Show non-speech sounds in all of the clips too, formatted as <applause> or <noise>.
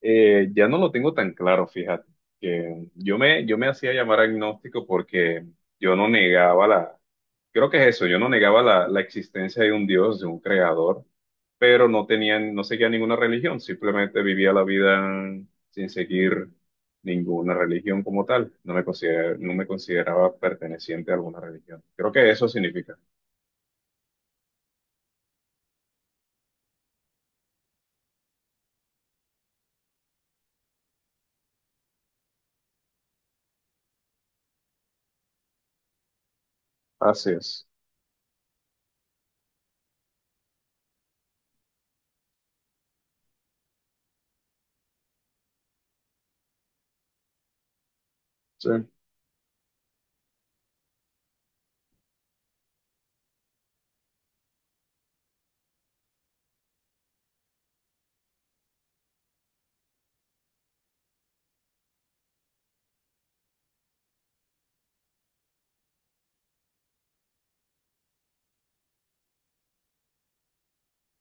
Ya no lo tengo tan claro, fíjate. Yo me hacía llamar agnóstico porque yo no negaba creo que es eso, yo no negaba la existencia de un Dios, de un creador, pero no tenía, no seguía ninguna religión, simplemente vivía la vida sin seguir ninguna religión como tal. No me consideraba perteneciente a alguna religión. Creo que eso significa. Así es. Sí,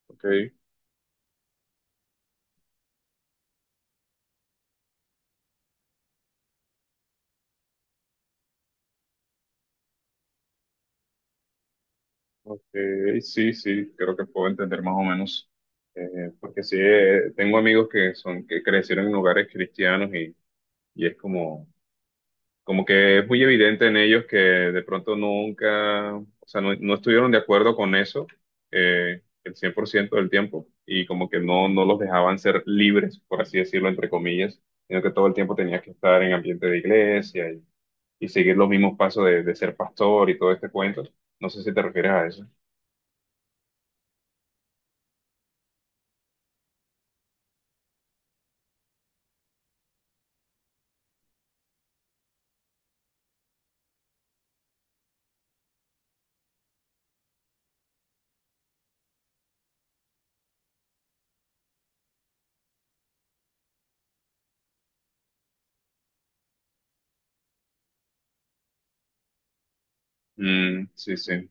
ok. Ok, sí, sí, creo que puedo entender más o menos, porque sí, tengo amigos que son, que crecieron en lugares cristianos y es como, como que es muy evidente en ellos que de pronto nunca, o sea, no, no estuvieron de acuerdo con eso, el 100% del tiempo y como que no, no los dejaban ser libres, por así decirlo, entre comillas, sino que todo el tiempo tenías que estar en ambiente de iglesia y seguir los mismos pasos de ser pastor y todo este cuento. No sé si te refieres a eso. Mm, sí, sí.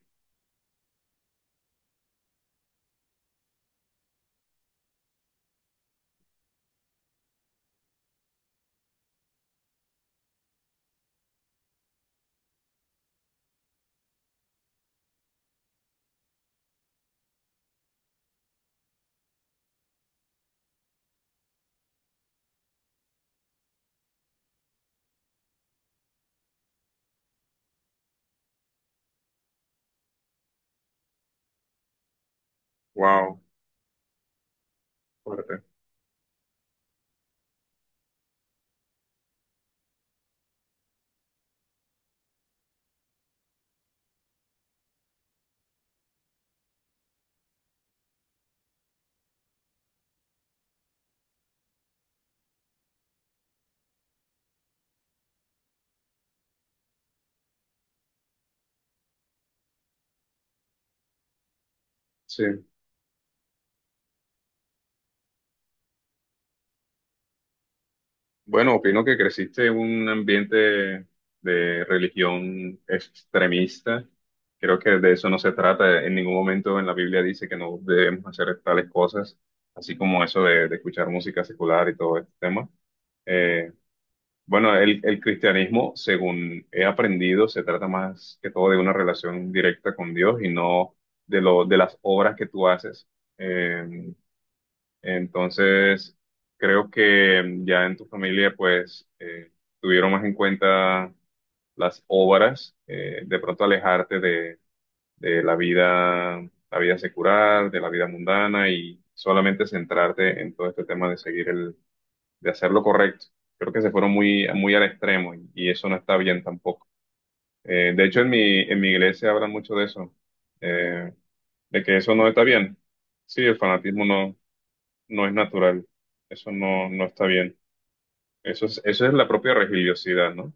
Wow, fuerte. Sí. Bueno, opino que creciste en un ambiente de religión extremista. Creo que de eso no se trata. En ningún momento en la Biblia dice que no debemos hacer tales cosas, así como eso de escuchar música secular y todo este tema. Eh, bueno, el cristianismo, según he aprendido, se trata más que todo de una relación directa con Dios y no de de las obras que tú haces. Eh, Entonces, creo que ya en tu familia, pues, tuvieron más en cuenta las obras, de pronto alejarte de la vida secular, de la vida mundana y solamente centrarte en todo este tema de seguir de hacer lo correcto. Creo que se fueron muy, muy al extremo y eso no está bien tampoco. De hecho, en mi iglesia hablan mucho de eso, eh, de que eso no está bien. Sí, el fanatismo no es natural. Eso no, no está bien. Eso es la propia religiosidad, ¿no?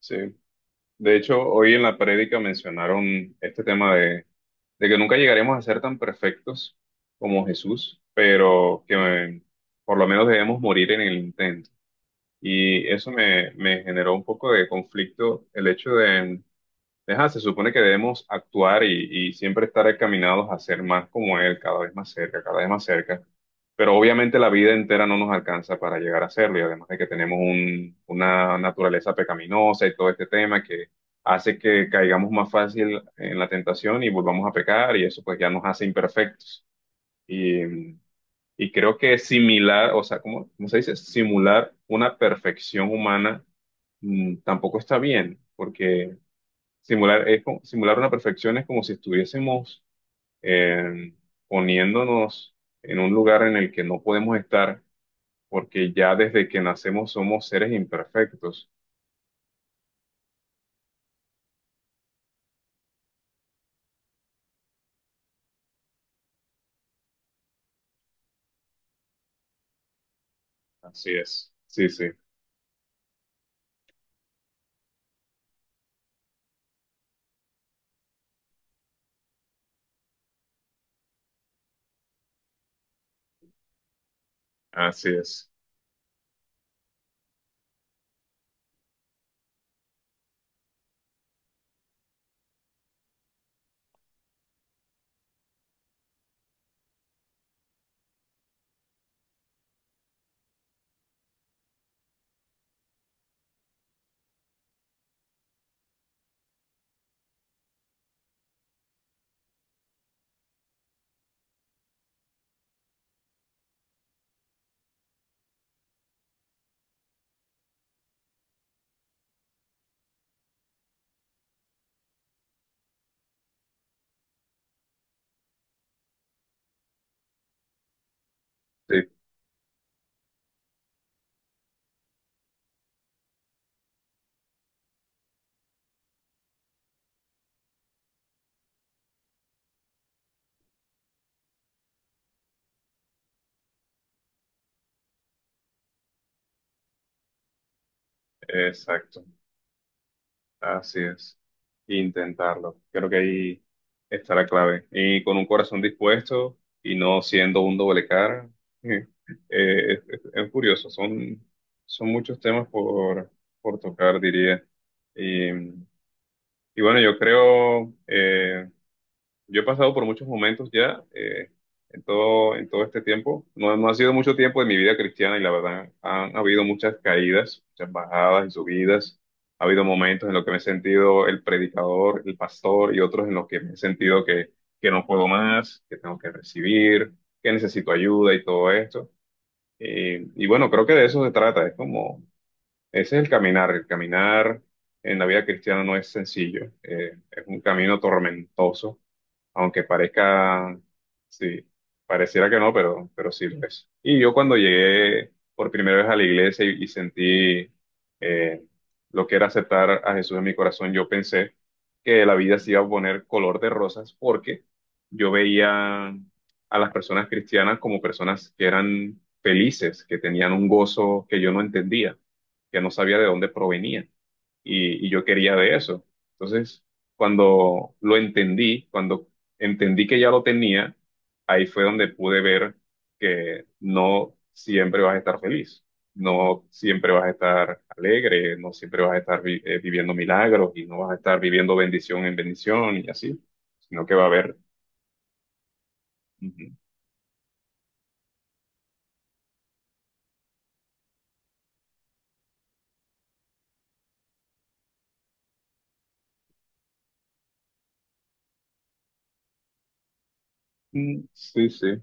Sí. De hecho, hoy en la prédica mencionaron este tema de que nunca llegaremos a ser tan perfectos como Jesús, pero que por lo menos debemos morir en el intento. Y eso me generó un poco de conflicto el hecho de Deja, se supone que debemos actuar y siempre estar encaminados a ser más como Él, cada vez más cerca, cada vez más cerca. Pero obviamente la vida entera no nos alcanza para llegar a serlo y además de que tenemos una naturaleza pecaminosa y todo este tema que hace que caigamos más fácil en la tentación y volvamos a pecar y eso pues ya nos hace imperfectos. Y, y creo que similar, o sea, ¿cómo, cómo se dice? Simular una perfección humana tampoco está bien porque simular una perfección es como si estuviésemos eh, poniéndonos en un lugar en el que no podemos estar, porque ya desde que nacemos somos seres imperfectos. Así es. Sí, sí, así es. Sí, exacto. Así es, intentarlo. Creo que ahí está la clave. Y con un corazón dispuesto y no siendo un doble cara, <laughs> eh, es curioso. Son, son muchos temas por tocar, diría. Y, y bueno, yo creo, yo he pasado por muchos momentos ya en todo este tiempo. No, no ha sido mucho tiempo de mi vida cristiana y la verdad han habido muchas caídas, muchas bajadas y subidas. Ha habido momentos en los que me he sentido el predicador, el pastor y otros en los que me he sentido que no puedo más, que tengo que recibir, que necesito ayuda y todo esto. Y bueno, creo que de eso se trata. Es como, ese es el caminar. El caminar en la vida cristiana no es sencillo. Es un camino tormentoso aunque parezca, sí, pareciera que no, pero sí lo es. Y yo cuando llegué por primera vez a la iglesia y sentí eh, lo que era aceptar a Jesús en mi corazón, yo pensé que la vida se iba a poner color de rosas porque yo veía a las personas cristianas como personas que eran felices, que tenían un gozo que yo no entendía, que no sabía de dónde provenía y yo quería de eso. Entonces, cuando lo entendí, cuando entendí que ya lo tenía, ahí fue donde pude ver que no siempre vas a estar feliz, no siempre vas a estar alegre, no siempre vas a estar viviendo milagros y no vas a estar viviendo bendición en bendición y así, sino que va a haber... Ujú. Mm, sí, sí.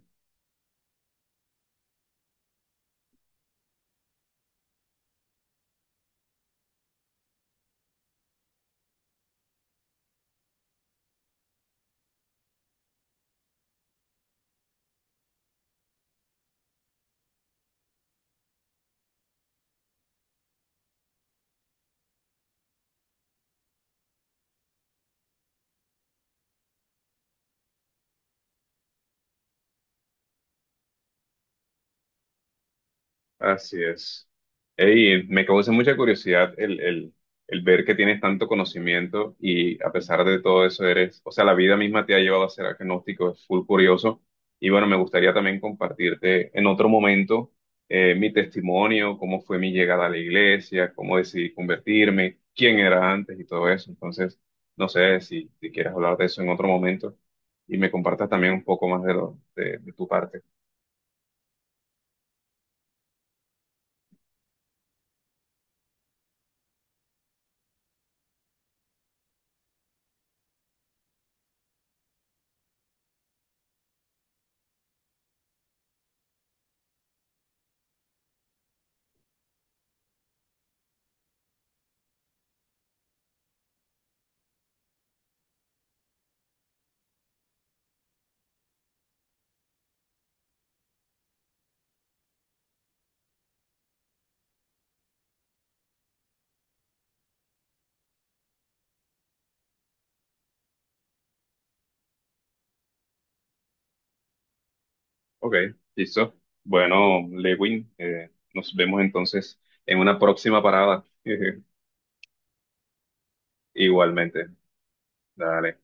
Así es. Ey, me causa mucha curiosidad el ver que tienes tanto conocimiento y a pesar de todo eso eres, o sea, la vida misma te ha llevado a ser agnóstico, es full curioso. Y bueno, me gustaría también compartirte en otro momento mi testimonio, cómo fue mi llegada a la iglesia, cómo decidí convertirme, quién era antes y todo eso. Entonces, no sé si, si quieres hablar de eso en otro momento y me compartas también un poco más de, lo, de tu parte. Ok, listo. Bueno, Lewin, nos vemos entonces en una próxima parada. <laughs> Igualmente. Dale.